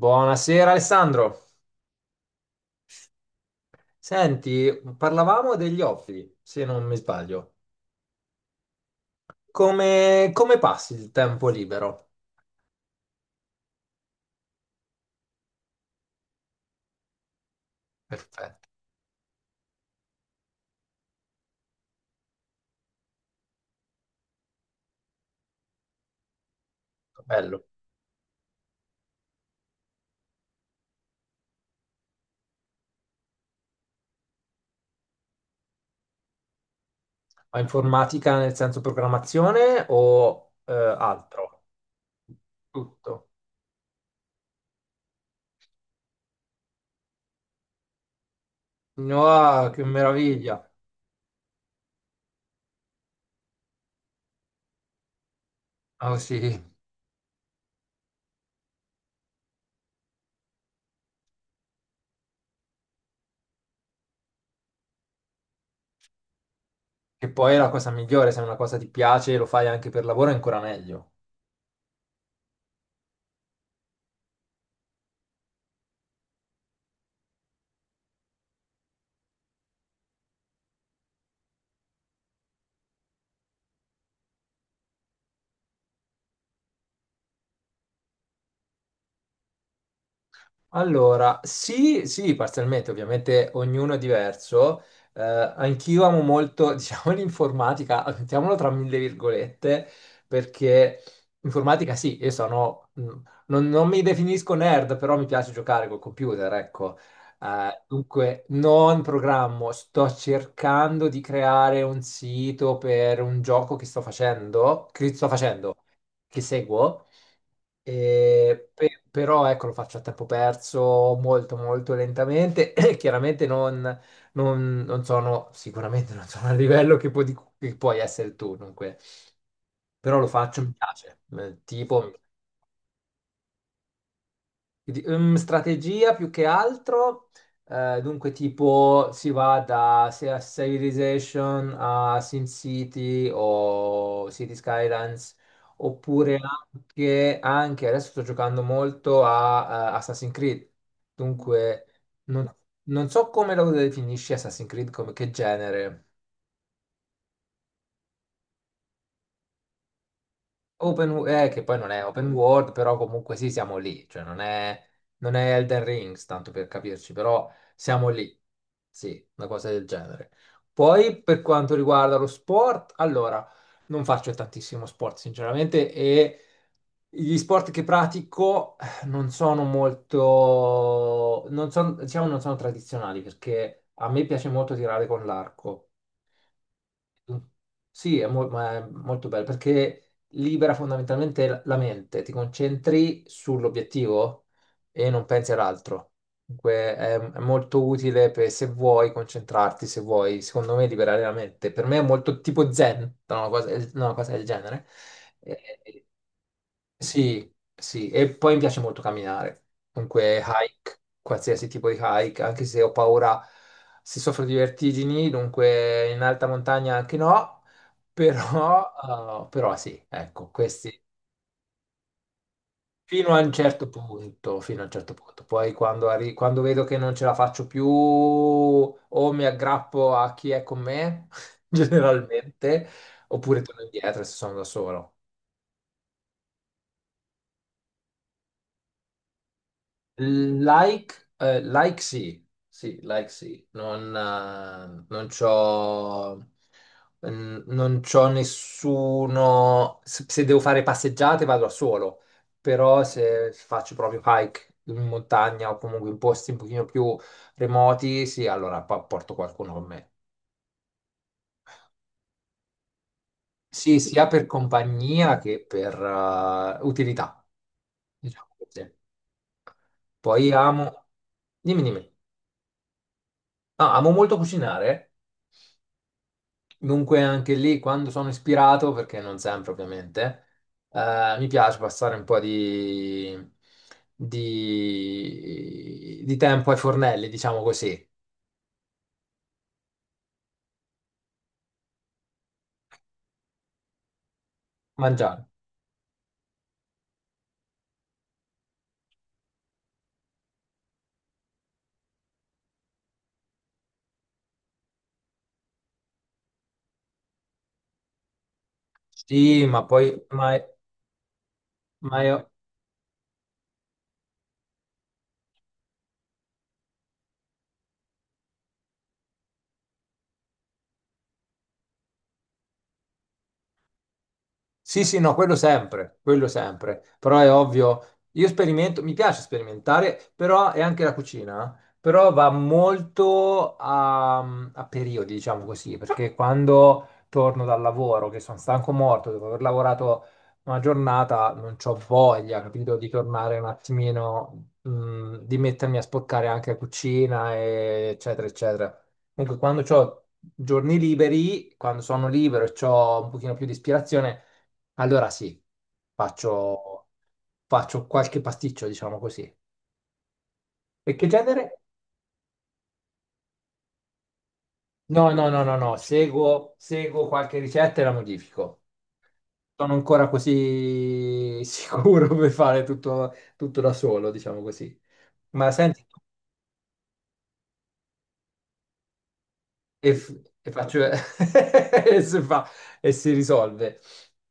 Buonasera Alessandro. Senti, parlavamo degli hobby, se non mi sbaglio. Come, come passi il tempo libero? Perfetto, bello. Ma informatica nel senso programmazione o altro? Tutto. No, che meraviglia. Ah sì, che poi è la cosa migliore, se una cosa ti piace e lo fai anche per lavoro è ancora meglio. Allora, sì, sì, parzialmente, ovviamente ognuno è diverso. Anch'io amo molto, diciamo, l'informatica, mettiamolo tra mille virgolette, perché informatica sì, io sono, non, non mi definisco nerd, però mi piace giocare col computer, ecco. Dunque, non programmo, sto cercando di creare un sito per un gioco che sto facendo, che seguo. E però ecco, lo faccio a tempo perso molto lentamente. Chiaramente non, non sono, sicuramente non sono al livello che, che puoi essere tu, dunque. Però lo faccio, mi piace. Tipo, quindi, strategia più che altro, dunque tipo si va da sia Civilization a SimCity o City Skylines, oppure anche, anche adesso sto giocando molto a Assassin's Creed, dunque non, non so come lo definisci Assassin's Creed, come che genere. Che poi non è open world, però comunque sì, siamo lì, cioè non è Elden Rings, tanto per capirci, però siamo lì, sì, una cosa del genere. Poi per quanto riguarda lo sport, allora, non faccio tantissimo sport sinceramente e gli sport che pratico non sono molto, non sono, diciamo, non sono tradizionali perché a me piace molto tirare con l'arco. Sì, ma è molto bello perché libera fondamentalmente la mente, ti concentri sull'obiettivo e non pensi all'altro. Dunque è molto utile per se vuoi concentrarti, se vuoi, secondo me, liberare la mente. Per me è molto tipo zen, no, una cosa, no, una cosa del genere. Eh, eh, sì, sì, e poi mi piace molto camminare. Dunque hike, qualsiasi tipo di hike, anche se ho paura, se soffro di vertigini, dunque in alta montagna anche no però, però sì, ecco, questi fino a un certo punto, fino a un certo punto. Poi quando, quando vedo che non ce la faccio più o mi aggrappo a chi è con me, generalmente, oppure torno indietro se sono da solo. Like, like sì, sì, like sì, non c'ho, non c'ho nessuno, se se devo fare passeggiate vado da solo, però se faccio proprio hike in montagna o comunque in posti un pochino più remoti, sì, allora porto qualcuno con me. Sì, sia per compagnia che per utilità, diciamo così. Poi amo, dimmi, Ah, amo molto cucinare. Dunque anche lì, quando sono ispirato, perché non sempre ovviamente, mi piace passare un po' di, di tempo ai fornelli, diciamo così. Mangiare. Sì, ma poi, ma sì, sì, no, quello sempre, però è ovvio, io sperimento, mi piace sperimentare, però è anche la cucina, eh. Però va molto a, a periodi, diciamo così, perché quando torno dal lavoro, che sono stanco morto, dopo aver lavorato una giornata, non ho voglia, capito, di tornare un attimino, di mettermi a sporcare anche la cucina, e eccetera, eccetera. Comunque, quando ho giorni liberi, quando sono libero e ho un pochino più di ispirazione, allora sì, faccio, faccio qualche pasticcio, diciamo così. E che genere? No, no, no, no, no, seguo qualche ricetta e la modifico. Sono ancora così sicuro per fare tutto, tutto da solo, diciamo così. Ma senti, e faccio, e si fa, e si risolve.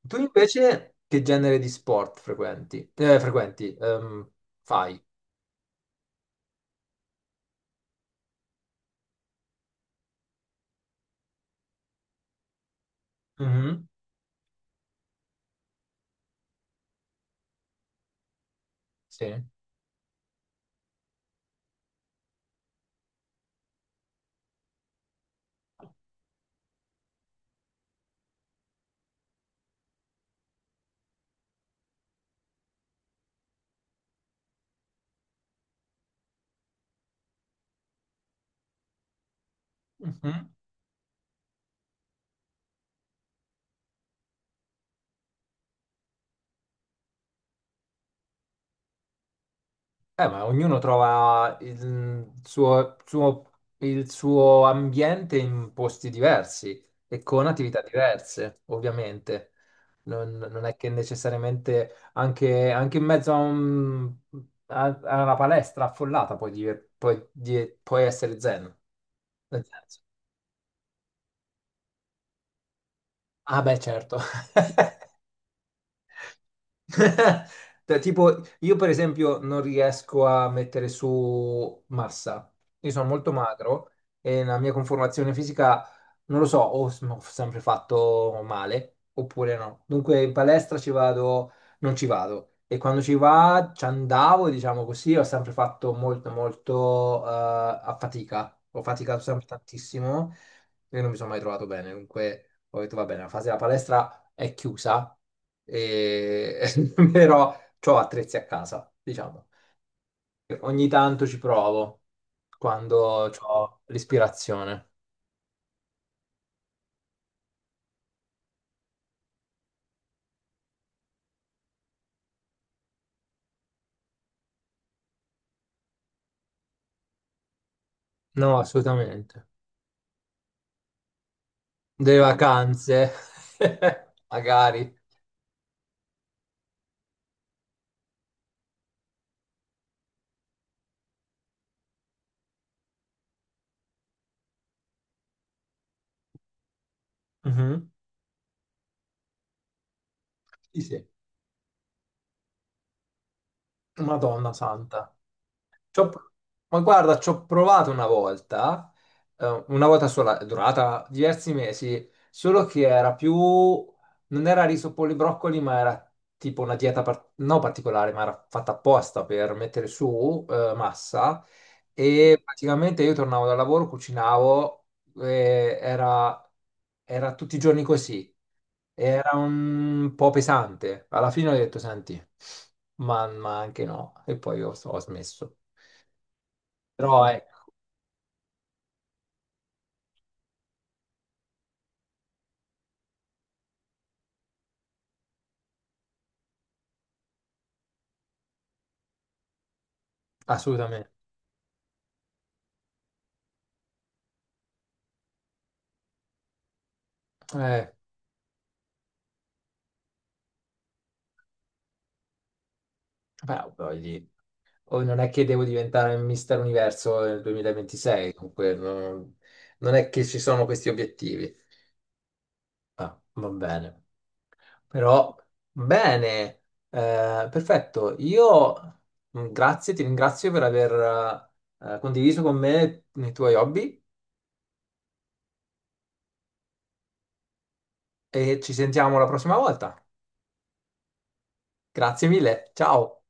Tu invece che genere di sport frequenti? Frequenti, fai? Mhm, sì. Mhm. Ma ognuno trova il suo ambiente in posti diversi e con attività diverse, ovviamente. Non, non è che necessariamente anche, anche in mezzo a, a una palestra affollata puoi essere zen. Nel senso, ah, beh, certo. Cioè, tipo, io per esempio non riesco a mettere su massa. Io sono molto magro e la mia conformazione fisica, non lo so, ho sempre fatto male oppure no. Dunque in palestra ci vado, non ci vado. E quando ci andavo, diciamo così, ho sempre fatto molto, molto a fatica. Ho faticato sempre tantissimo e non mi sono mai trovato bene. Dunque ho detto, va bene, la fase della palestra è chiusa e però ho attrezzi a casa, diciamo. Ogni tanto ci provo quando ho l'ispirazione. No, assolutamente. Delle vacanze, magari. Mhm. Sì, sì. Madonna santa. C'ho- Ma guarda, ci ho provato una volta sola, è durata diversi mesi, solo che era più, non era riso polibroccoli, ma era tipo una dieta non particolare, ma era fatta apposta per mettere su, massa e praticamente io tornavo dal lavoro, cucinavo, e era, era tutti i giorni così. Era un po' pesante. Alla fine ho detto, senti, ma anche no. E poi ho smesso. Però ecco, assolutamente. Eh, beh, voglio- oh, non è che devo diventare Mister Universo nel 2026, comunque non, non è che ci sono questi obiettivi. Ah, va bene. Però, bene, perfetto. Io, grazie, ti ringrazio per aver condiviso con me i tuoi hobby e ci sentiamo la prossima volta. Grazie mille, ciao.